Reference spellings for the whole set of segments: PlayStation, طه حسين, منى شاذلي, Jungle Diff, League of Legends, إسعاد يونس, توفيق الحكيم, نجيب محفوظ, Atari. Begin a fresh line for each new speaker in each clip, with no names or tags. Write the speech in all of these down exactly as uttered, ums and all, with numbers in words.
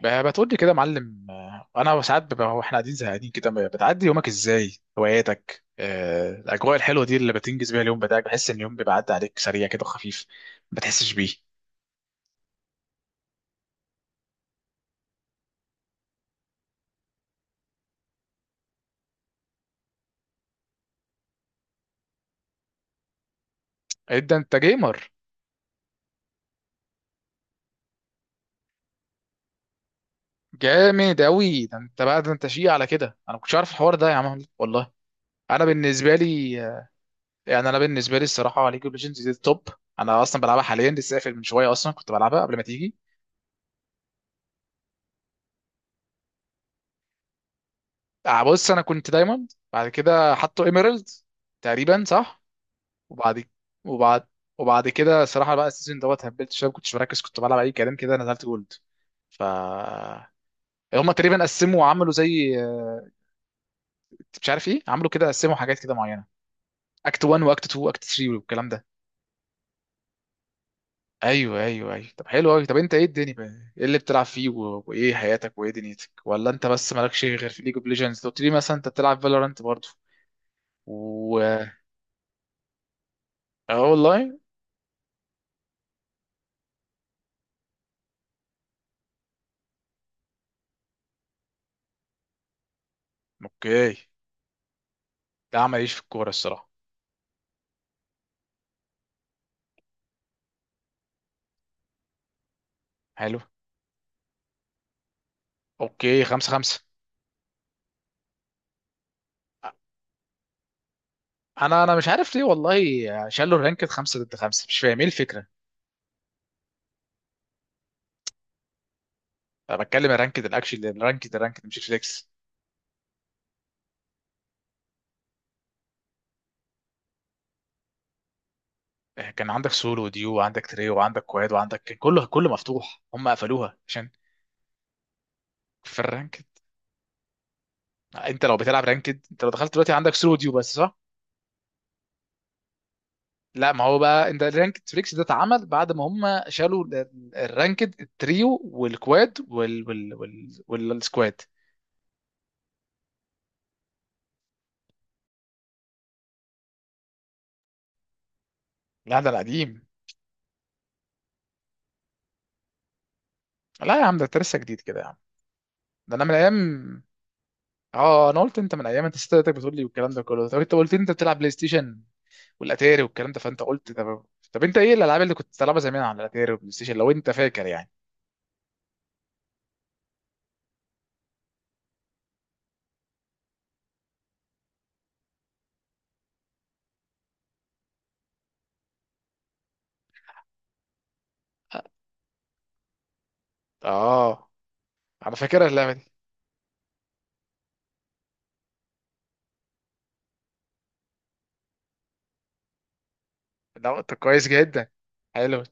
ب- بتقول لي كده يا معلم، آه، انا ساعات ببقى واحنا قاعدين زهقانين كده، ب- بتعدي يومك ازاي؟ هواياتك، آه، الاجواء الحلوه دي اللي بتنجز بيها اليوم بتاعك. بحس ان اليوم بيبقى عدى عليك سريع كده وخفيف، ما بتحسش بيه. إيه ده؟ انت جيمر؟ جامد قوي، ده انت بقى ده انت شيء على كده. انا ما كنتش عارف الحوار ده يا عم والله. انا بالنسبه لي، آه، يعني انا بالنسبه لي الصراحه ليج اوف ليجندز دي التوب. انا اصلا بلعبها حاليا، لسه قافل من شويه، اصلا كنت بلعبها قبل ما تيجي. آه، بص، انا كنت دايموند، بعد كده حطوا ايميرالد تقريبا، صح. وبعد وبعد وبعد كده صراحه بقى، السيزون دوت هبلت شويه، ما كنتش مركز، كنت بلعب اي كلام كده، نزلت جولد. ف هم تقريبا قسموا وعملوا زي، آه، مش عارف ايه، عملوا كده قسموا حاجات كده معينه، اكت واحد واكت اتنين واكت تلاته والكلام ده. ايوه، ايوه، ايوه، طب حلو قوي. طب انت ايه الدنيا بقى؟ ايه اللي بتلعب فيه و... وايه حياتك وايه دنيتك؟ ولا انت بس مالكش غير في ليج اوف ليجندز؟ قلت لي مثلا انت بتلعب فالورانت برضه؟ و اه والله. اوكي. ده عمل ايش في الكوره الصراحه؟ حلو. اوكي، خمسة خمسة. انا انا مش عارف ليه والله، شالوا الرانكد خمسة ضد خمسة، مش فاهم ايه الفكرة. انا بتكلم الرانكد، الاكشن، الرانكد الرانكد مش فليكس. آه، كان عندك سولو وديو، وعندك تريو، وعندك كواد، وعندك كان كله كله مفتوح، هم قفلوها عشان في الرانكد. انت لو بتلعب رانكد، انت لو دخلت دلوقتي عندك سولو وديو بس، صح؟ لا ما هو بقى، انت الرانكد فليكس ده اتعمل بعد ما هم شالوا ال- ال- الرانكد التريو والكواد وال وال وال والسكواد. لا ده القديم. لا يا عم، ده انت لسه جديد كده يا عم. ده انا من ايام. اه، انا قلت انت من ايام، انت ستاتك بتقول لي والكلام ده كله. طب انت قلت لي انت بتلعب بلاي ستيشن والاتاري والكلام ده، فانت قلت. طب طب انت ايه الالعاب اللي كنت بتلعبها زمان على الاتاري والبلاي ستيشن لو انت فاكر يعني؟ اه، انا فاكرها اللعبه دي. لا انت كويس جدا. حلو.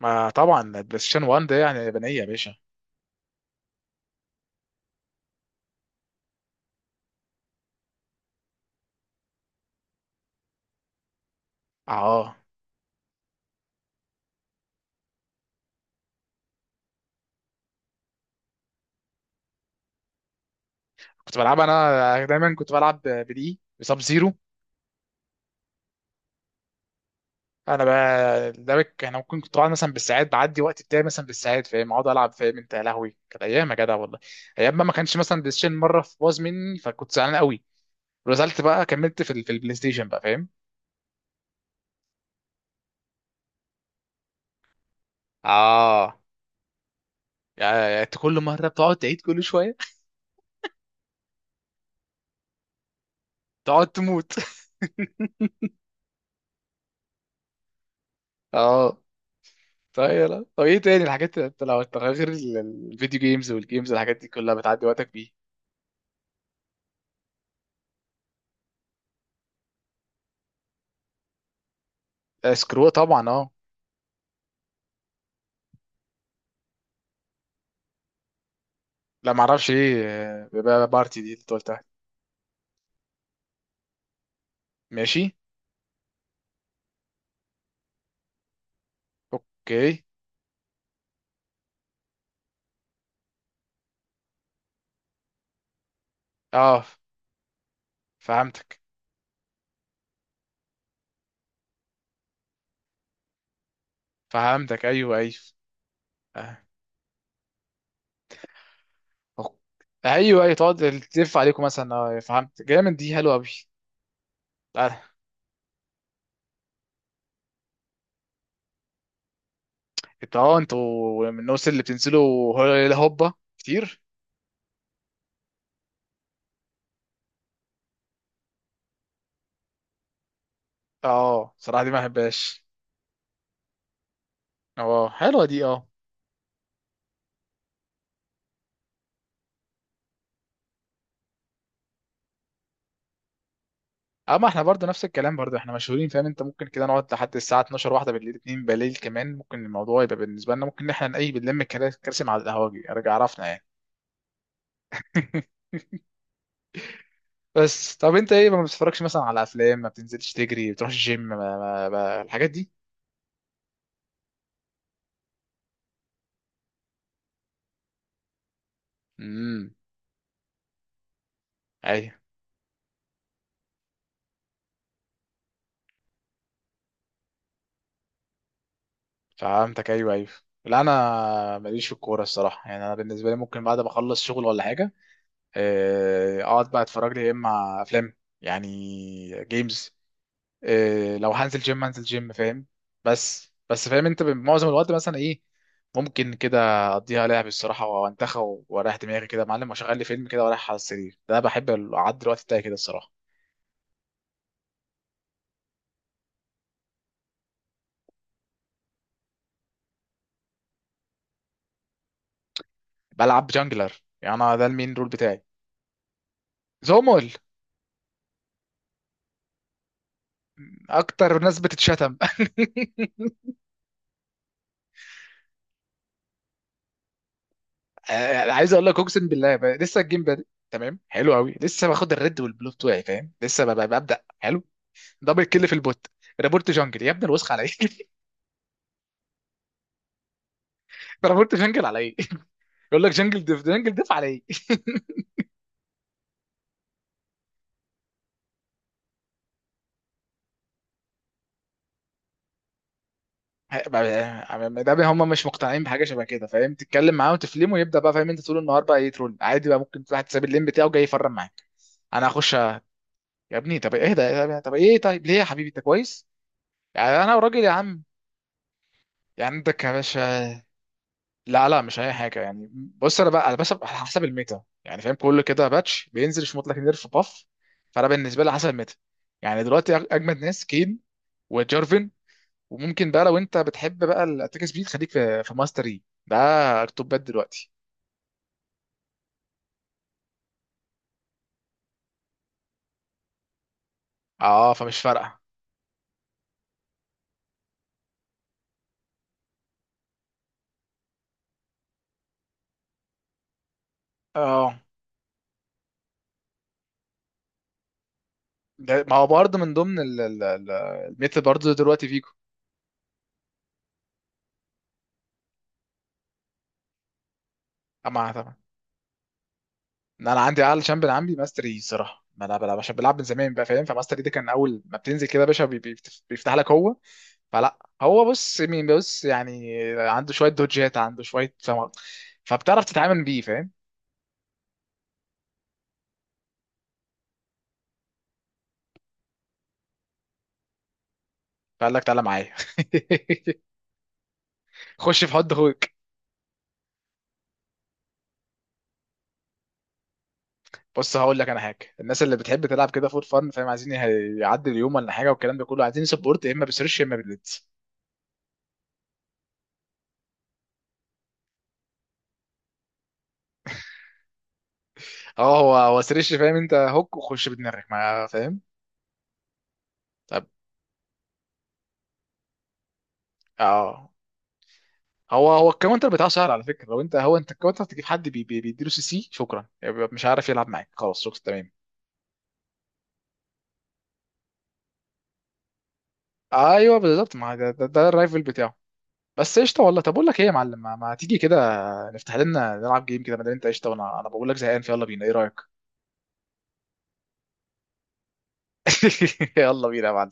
ما طبعا البلاي ستيشن واحد ده يعني يابانيه يا باشا. اه، كنت بلعب انا دايما، كنت بلعب بدي بسب زيرو. انا بقى ده بك، انا ممكن كنت قاعد مثلا بالساعات، بعدي وقت بتاعي مثلا بالساعات فاهم، اقعد العب، فاهم انت؟ يا لهوي كانت ايام يا جدع والله. ايام ما ما كانش مثلا بلاي ستيشن، مره في باظ مني فكنت زعلان قوي، نزلت بقى كملت في ال- في البلاي ستيشن بقى، فاهم؟ اه، يعني انت كل مره بتقعد تعيد كل شويه، تقعد تموت. اه، طيب يلا. طب ايه تاني الحاجات اللي انت، لو انت غير ال- الفيديو جيمز والجيمز، الحاجات دي كلها بتعدي وقتك بيه؟ آه، سكرو طبعا، اه. لا ما اعرفش ايه، آه، بقى بارتي دي اللي انت قلتها. ماشي. اوكي. اه. فهمتك. فهمتك، ايوه، ايوه. آه. أوك. ايوه، ايوه، تقعد تلف عليكم مثلا، آه، فهمت. جامد، دي حلوه قوي. آه. انتوا اه انتوا من الناس اللي بتنزلوا هلا هوبا كتير؟ اه، صراحه دي ما بحبهاش. اه، حلوه دي، اه. اما احنا برضه نفس الكلام، برضه احنا مشهورين فاهم انت، ممكن كده نقعد لحد الساعه اتناشر واحده بالليل، اتنين بالليل كمان، ممكن الموضوع يبقى بالنسبه لنا ممكن إن احنا نقيب بنلم الكراسي على القهوجي، ارجع عرفنا يعني. بس طب انت ايه، ما بتتفرجش مثلا على افلام؟ ما بتنزلش تجري؟ ما بتروحش الجيم؟ ما ما ما الحاجات دي؟ امم ايوه، فهمتك، ايوه، ايوه. لا، انا ماليش في الكوره الصراحه. يعني انا بالنسبه لي، ممكن بعد ما اخلص شغل ولا حاجه، آه، اقعد بقى اتفرج لي يا اما افلام يعني جيمز. آه، لو هنزل جيم هنزل جيم، فاهم؟ بس بس فاهم انت، معظم الوقت مثلا ايه، ممكن كده اقضيها لعب الصراحه وانتخى، واريح دماغي كده يا معلم، واشغل لي فيلم كده واريح على السرير. ده انا بحب اعدي الوقت بتاعي كده الصراحه. بلعب جانجلر، يعني انا ده المين رول بتاعي. زومول. اكتر ناس بتتشتم. آه، عايز اقول لك اقسم بالله، ب- لسه الجيم بادئ. تمام، حلو قوي، لسه باخد الريد والبلو بتوعي، فاهم لسه ب- ب- ببدا حلو. دبل كيل في البوت، رابورت جانجل يا ابني الوسخ، على ايه؟ رابورت جانجل على ايه؟ يقول لك جانجل ديف، جانجل ديف على ايه؟ ده هم مش مقتنعين بحاجه شبه كده، فاهم؟ تتكلم معاه وتفلمه ويبدا بقى، فاهم انت، طول النهار بقى يترول عادي بقى، ممكن واحد ساب اللين بتاعه جاي يفرم معاك. انا هخش، يا ابني طب ايه ده؟ طب ايه؟ طيب ليه يا حبيبي انت كويس؟ يعني انا وراجل يا عم؟ يعني عندك يا باشا. لا، لا، مش اي حاجه يعني. بص، انا بقى على، بس على حسب الميتا يعني، فاهم؟ كل كده باتش بينزل يشمط لك نيرف باف، فانا بالنسبه لي على حسب الميتا. يعني دلوقتي أج- اجمد ناس كين وجارفن، وممكن بقى لو انت بتحب بقى الاتاك سبيد، خليك في في ماستري ده، التوبات دلوقتي. اه، فمش فارقه. اه، ده ما هو برضه من ضمن ال- ال- ال- الميتا برضه دلوقتي فيجو. اما إن انا عندي اعلى شامبيون عندي ماستري صراحه، ما انا بلعب عشان بلعب من زمان بقى فاهم، فماستري ده كان اول ما بتنزل كده يا باشا بي- بي- بيفتح لك هو. فلا هو، بص مين، بص يعني، عنده شويه دوجات، عنده شويه فم... فبتعرف تتعامل بيه، فاهم؟ فقال لك تعالى معايا. خش في حد اخوك. بص هقول لك انا حاجه، الناس اللي بتحب تلعب كده فور فن فاهم، عايزين يه- يعدي اليوم ولا حاجه والكلام ده كله، عايزين سبورت، يا اما بسرش، يا اما بالليدز. اه، هو هو سرش فاهم انت، هوك وخش بدماغك، ما فاهم. طب اه، هو هو الكاونتر بتاعه سهل على فكره، لو انت، هو انت الكاونتر، تجيب حد بي- بي- بيديله سي سي شكرا، يعني بيبقى مش عارف يلعب معاك خلاص، شكرا تمام. ايوه بالظبط، ما ده, ده, ده الرايفل بتاعه. بس قشطه والله. طب اقول لك ايه يا معلم، ما, ما تيجي كده، نفتح لنا نلعب جيم كده، ما دام انت قشطه، وانا انا بقول لك زهقان، فيلا بينا ايه رايك؟ يلا بينا يا معلم.